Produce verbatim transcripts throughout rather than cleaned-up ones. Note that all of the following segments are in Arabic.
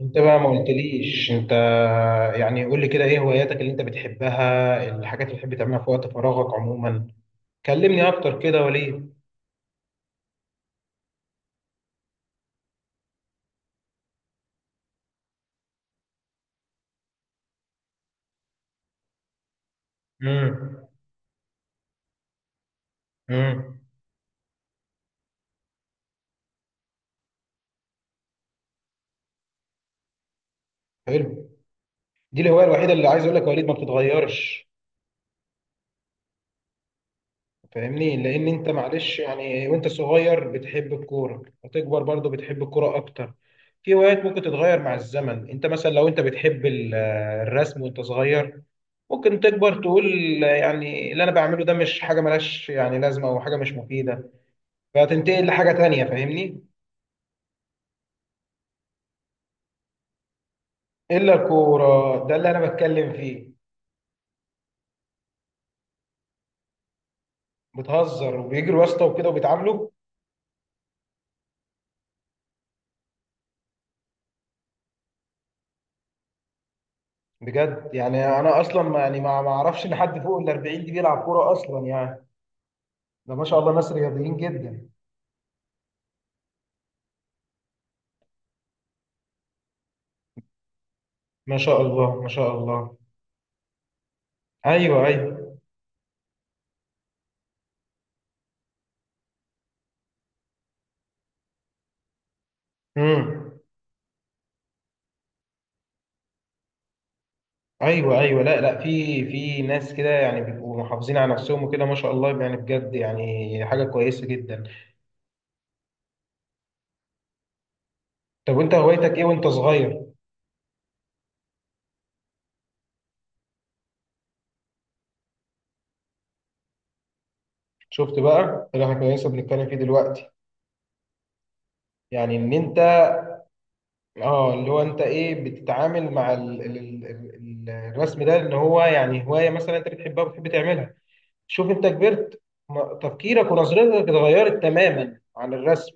انت بقى ما قلتليش انت، يعني قول لي كده ايه هواياتك اللي انت بتحبها، الحاجات اللي بتحب تعملها في وقت فراغك عموما. كلمني اكتر كده يا وليد. امم. امم. حلو. دي الهوايه الوحيده اللي عايز اقول لك يا وليد ما بتتغيرش. فاهمني، لان انت معلش يعني وانت صغير بتحب الكوره هتكبر برضو بتحب الكوره اكتر. في هوايات ممكن تتغير مع الزمن، انت مثلا لو انت بتحب ال- الرسم وانت صغير، ممكن تكبر تقول يعني اللي انا بعمله ده مش حاجه ملهاش يعني لازمه او حاجه مش مفيده، فتنتقل لحاجه تانية، فاهمني. الا الكوره، ده اللي انا بتكلم فيه. بتهزر وبيجروا يا اسطى وكده وبيتعاملوا. بجد يعني انا اصلا ما يعني ما ما اعرفش ان حد فوق ال الأربعين دي بيلعب كوره اصلا يعني، ده ما شاء الله ناس رياضيين جدا. ما شاء الله ما شاء الله. ايوه، ايوه. امم. ايوه، ايوه. لا، لا، في في ناس كده يعني بيبقوا محافظين على نفسهم وكده، ما شاء الله يعني، بجد يعني حاجه كويسه جدا. طب وانت هوايتك ايه وانت صغير؟ شفت بقى اللي احنا كنا لسه بنتكلم فيه دلوقتي؟ يعني ان انت، اه اللي هو انت ايه بتتعامل مع ال... ال... ال... ال- الرسم ده، ان هو يعني هوايه مثلا انت بتحبها وبتحب تعملها. شوف، انت كبرت، ما- تفكيرك ونظرتك اتغيرت تماما عن الرسم.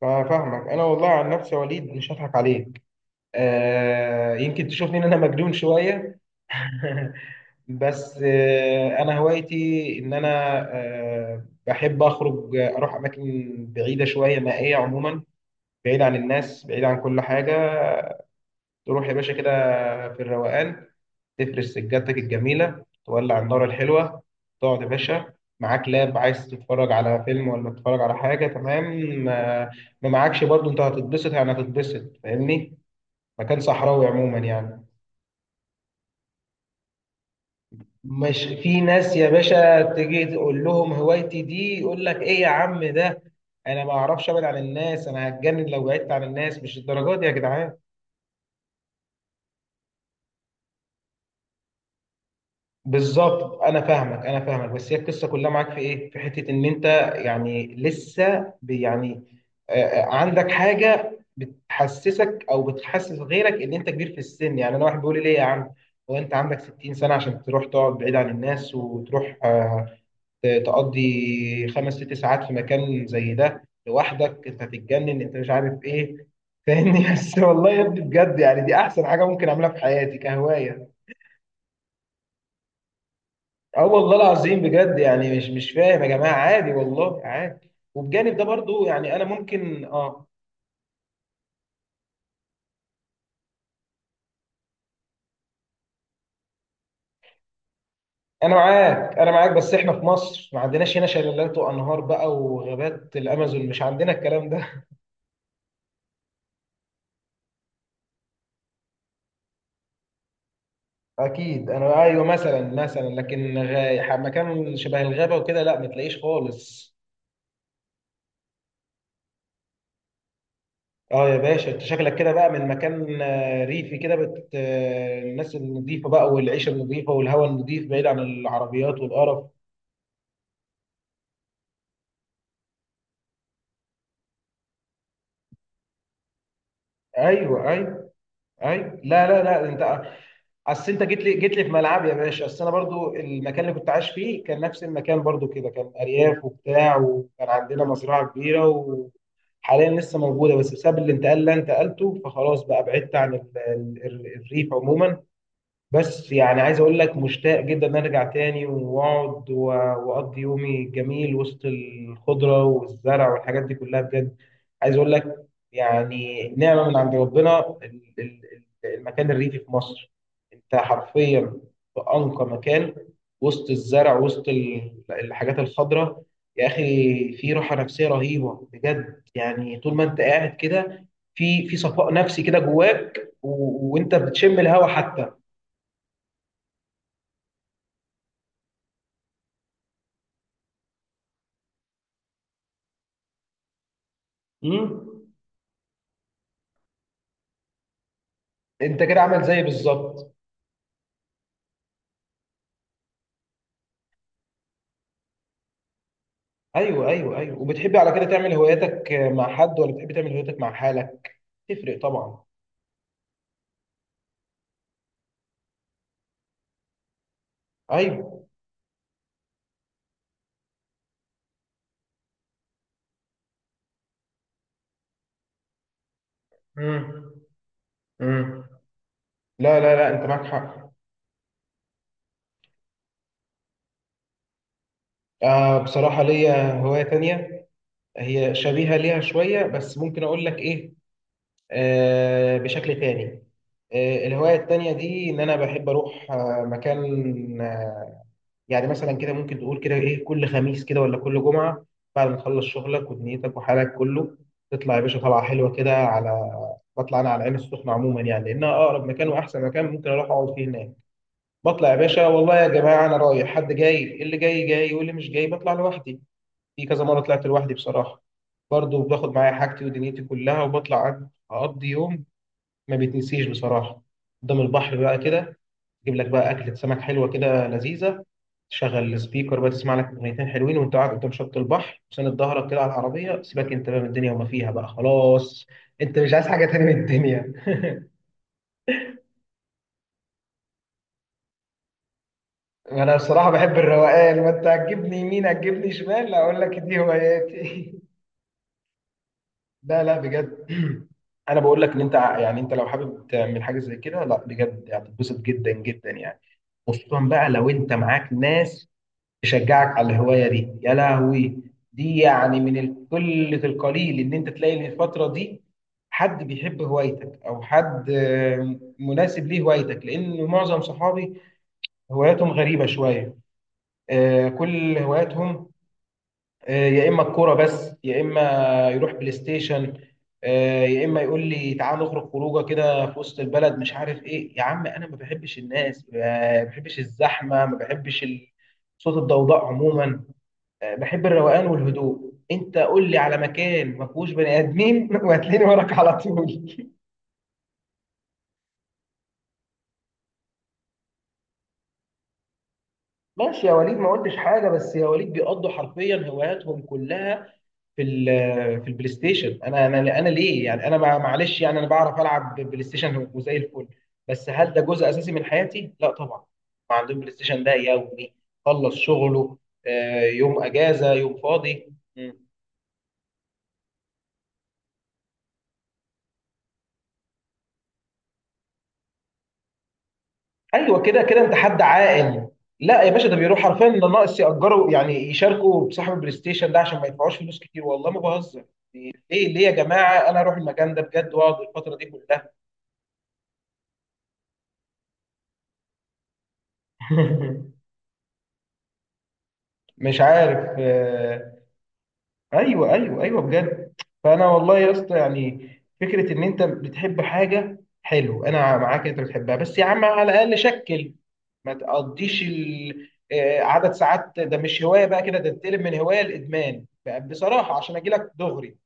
فاهمك، انا والله عن نفسي يا وليد مش هضحك عليك. آه، يمكن تشوفني ان انا مجنون شويه. بس آه، انا هوايتي ان انا آه، بحب اخرج، آه، اروح اماكن بعيده شويه نائيه عموما، بعيد عن الناس، بعيد عن كل حاجه. تروح يا باشا كده في الروقان، تفرش سجادتك الجميله، تولع النار الحلوه، تقعد يا باشا، معاك لاب عايز تتفرج على فيلم ولا تتفرج على حاجه، تمام. آه، ما معاكش برضو انت هتتبسط، يعني هتتبسط، فاهمني. مكان صحراوي عموما يعني. مش في ناس يا باشا تيجي تقول لهم هوايتي دي، يقول لك ايه يا عم ده، انا ما اعرفش ابعد عن الناس، انا هتجنن لو بعدت عن الناس، مش الدرجات دي يا جدعان. بالظبط، انا فاهمك انا فاهمك، بس هي القصه كلها معاك في ايه، في حته ان انت يعني لسه بي- يعني، آه، عندك حاجه بتحسسك او بتحسس غيرك ان انت كبير في السن. يعني انا واحد بيقول لي ليه يا عم، هو انت عندك ستين سنه عشان تروح تقعد بعيد عن الناس وتروح ت- تقضي خمس ست ساعات في مكان زي ده لوحدك؟ انت هتتجنن، انت مش عارف ايه، فاهمني. بس والله يا ابني بجد يعني دي احسن حاجه ممكن اعملها في حياتي كهوايه. اه والله العظيم، بجد يعني مش مش فاهم يا جماعه، عادي والله عادي، وبجانب ده برضو يعني انا ممكن اه. انا معاك انا معاك، بس احنا في مصر ما عندناش هنا شلالات وانهار بقى وغابات الامازون، مش عندنا الكلام ده. اكيد انا ايوه، مثلا مثلا، لكن غاي ح- مكان شبه الغابه وكده لا ما تلاقيش خالص. اه يا باشا، انت شكلك كده بقى من مكان آه، ريفي كده، بت آه، الناس النظيفه بقى والعيشه النظيفه والهواء النظيف، بعيد عن العربيات والقرف. ايوه ايوه ايوه، لا لا لا انت، اصل انت جيت لي جيت لي في ملعب يا باشا، اصل انا برضو المكان اللي كنت عايش فيه كان نفس المكان برضو كده، كان ارياف وبتاع، وكان عندنا مزرعه كبيره. وحاليا لسه موجوده، بس بسبب الانتقال اللي انت قلته فخلاص بقى بعدت عن ال- ال- الريف عموما. بس يعني عايز اقول لك مشتاق جدا ان أنا ارجع تاني واقعد و- واقضي يومي جميل وسط الخضره والزرع والحاجات دي كلها بجد. عايز اقول لك، يعني نعمه من عند ربنا ال- ال- ال- المكان الريفي في مصر. انت حرفيا في انقى مكان، وسط الزرع، وسط ال- الحاجات الخضراء. يا اخي، في راحه نفسيه رهيبه بجد، يعني طول ما انت قاعد كده، في في صفاء نفسي كده جواك، و- وانت بتشم الهواء حتى. امم. انت كده عامل زيي بالظبط. ايوه ايوه ايوه، وبتحبي على كده تعمل هواياتك مع حد ولا بتحبي تعمل هواياتك مع حالك؟ تفرق طبعا. ايوه. امم. امم. لا لا لا، انت معاك حق. آه، بصراحه ليا هوايه تانية، هي شبيهه ليها شويه، بس ممكن اقول لك ايه، آه بشكل تاني. آه، الهوايه التانية دي ان انا بحب اروح آه مكان، آه، يعني مثلا كده ممكن تقول كده ايه، كل خميس كده ولا كل جمعه، بعد ما تخلص شغلك ودنيتك وحالك كله، تطلع يا باشا طلعه حلوه كده على. بطلع انا على العين السخنه عموما، يعني لانها اقرب مكان واحسن مكان ممكن اروح اقعد فيه هناك. بطلع يا باشا والله يا جماعه، انا رايح حد جاي، اللي جاي جاي واللي مش جاي بطلع لوحدي. في كذا مره طلعت لوحدي بصراحه. برضه باخد معايا حاجتي ودنيتي كلها وبطلع، اقضي يوم ما بيتنسيش بصراحه، قدام البحر بقى كده، اجيب لك بقى اكله سمك حلوه كده لذيذه، تشغل السبيكر بقى، تسمع لك اغنيتين حلوين وانت قاعد قدام شط البحر وساند ظهرك كده على العربيه، سيبك انت بقى من الدنيا وما فيها بقى خلاص. انت مش عايز حاجه تاني من الدنيا. انا بصراحه بحب الروقان، ما انت هتجيبني يمين هتجيبني شمال، اقول لك دي هواياتي. لا لا بجد. انا بقول لك ان انت ع- يعني، انت لو حابب تعمل حاجه زي كده، لا بجد هتتبسط جدا جدا يعني. خصوصا بقى لو انت معاك ناس يشجعك على الهوايه دي يا لهوي. دي يعني من القله القليل ان انت تلاقي إن الفتره دي حد بيحب هوايتك، او حد آه، مناسب ليه هوايتك، لان معظم صحابي هواياتهم غريبه شويه. آه، كل هواياتهم آه، يا اما الكوره بس، يا اما يروح بلاي ستيشن، آه، يا اما يقول لي تعال نخرج خروجه كده في وسط البلد مش عارف ايه. يا عم انا ما بحبش الناس، ما بحبش الزحمه، ما بحبش ال- صوت الضوضاء عموما. آه، بحب الروقان والهدوء. انت قول لي على مكان ما فيهوش بني ادمين وهتلاقيني وراك على طول. ماشي يا وليد، ما قلتش حاجه، بس يا وليد بيقضوا حرفيا هواياتهم كلها في ال. في البلاي ستيشن. انا انا انا ليه يعني انا مع- معلش يعني انا بعرف العب بلاي ستيشن وزي الفل، بس هل ده جزء اساسي من حياتي؟ لا طبعا. ما عندهم بلاي ستيشن ده يومي، خلص شغله، آه، يوم اجازه يوم فاضي. مم. ايوه كده كده انت حد عاقل. لا يا باشا، ده بيروح حرفيا ده، ناقص يأجروا يعني يشاركوا بصاحب البلاي ستيشن ده عشان ما يدفعوش فلوس كتير، والله ما بهزر. ليه ليه يا جماعه، انا اروح المكان ده بجد واقعد الفتره دي كلها. مش عارف آه، ايوه ايوه ايوه بجد. فانا والله يا اسطى يعني، فكره ان انت بتحب حاجه حلو، انا معاك إن انت بتحبها، بس يا عم على الاقل شكل، ما تقضيش ال- آه، عدد ساعات ده، مش هوايه بقى كده، ده تتقلب من هوايه لادمان بقى بصراحه عشان اجي لك دغري.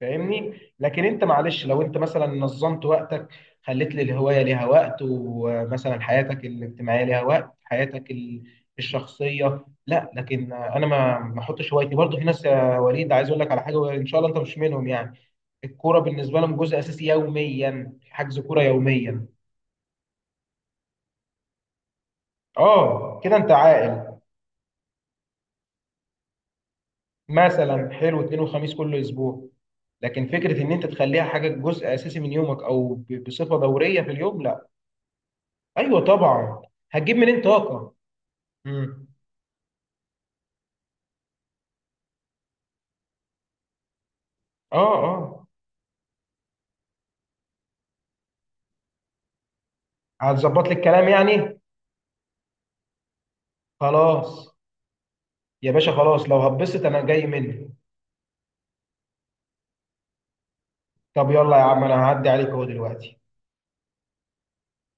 فاهمني، لكن انت معلش لو انت مثلا نظمت وقتك، خليت للهوايه ليها وقت، ومثلا حياتك الاجتماعيه ليها وقت، حياتك ال- الشخصيه، لا لكن انا ما ما احطش هوايتي. برضه في ناس يا وليد عايز اقول لك على حاجه، ان شاء الله انت مش منهم يعني، الكوره بالنسبه لهم جزء اساسي يوميا، حجز كوره يوميا. اه كده انت عاقل. مثلا حلو، اثنين وخميس كل اسبوع. لكن فكره ان انت تخليها حاجه جزء اساسي من يومك او ب- بصفه دوريه في اليوم، لا. ايوه طبعا. هتجيب منين طاقه؟ امم. اه. اه. هتظبط لي الكلام يعني. خلاص، يا باشا خلاص لو هبست انا جاي مني. طب يلا يا عم، انا هعدي عليك اهو دلوقتي.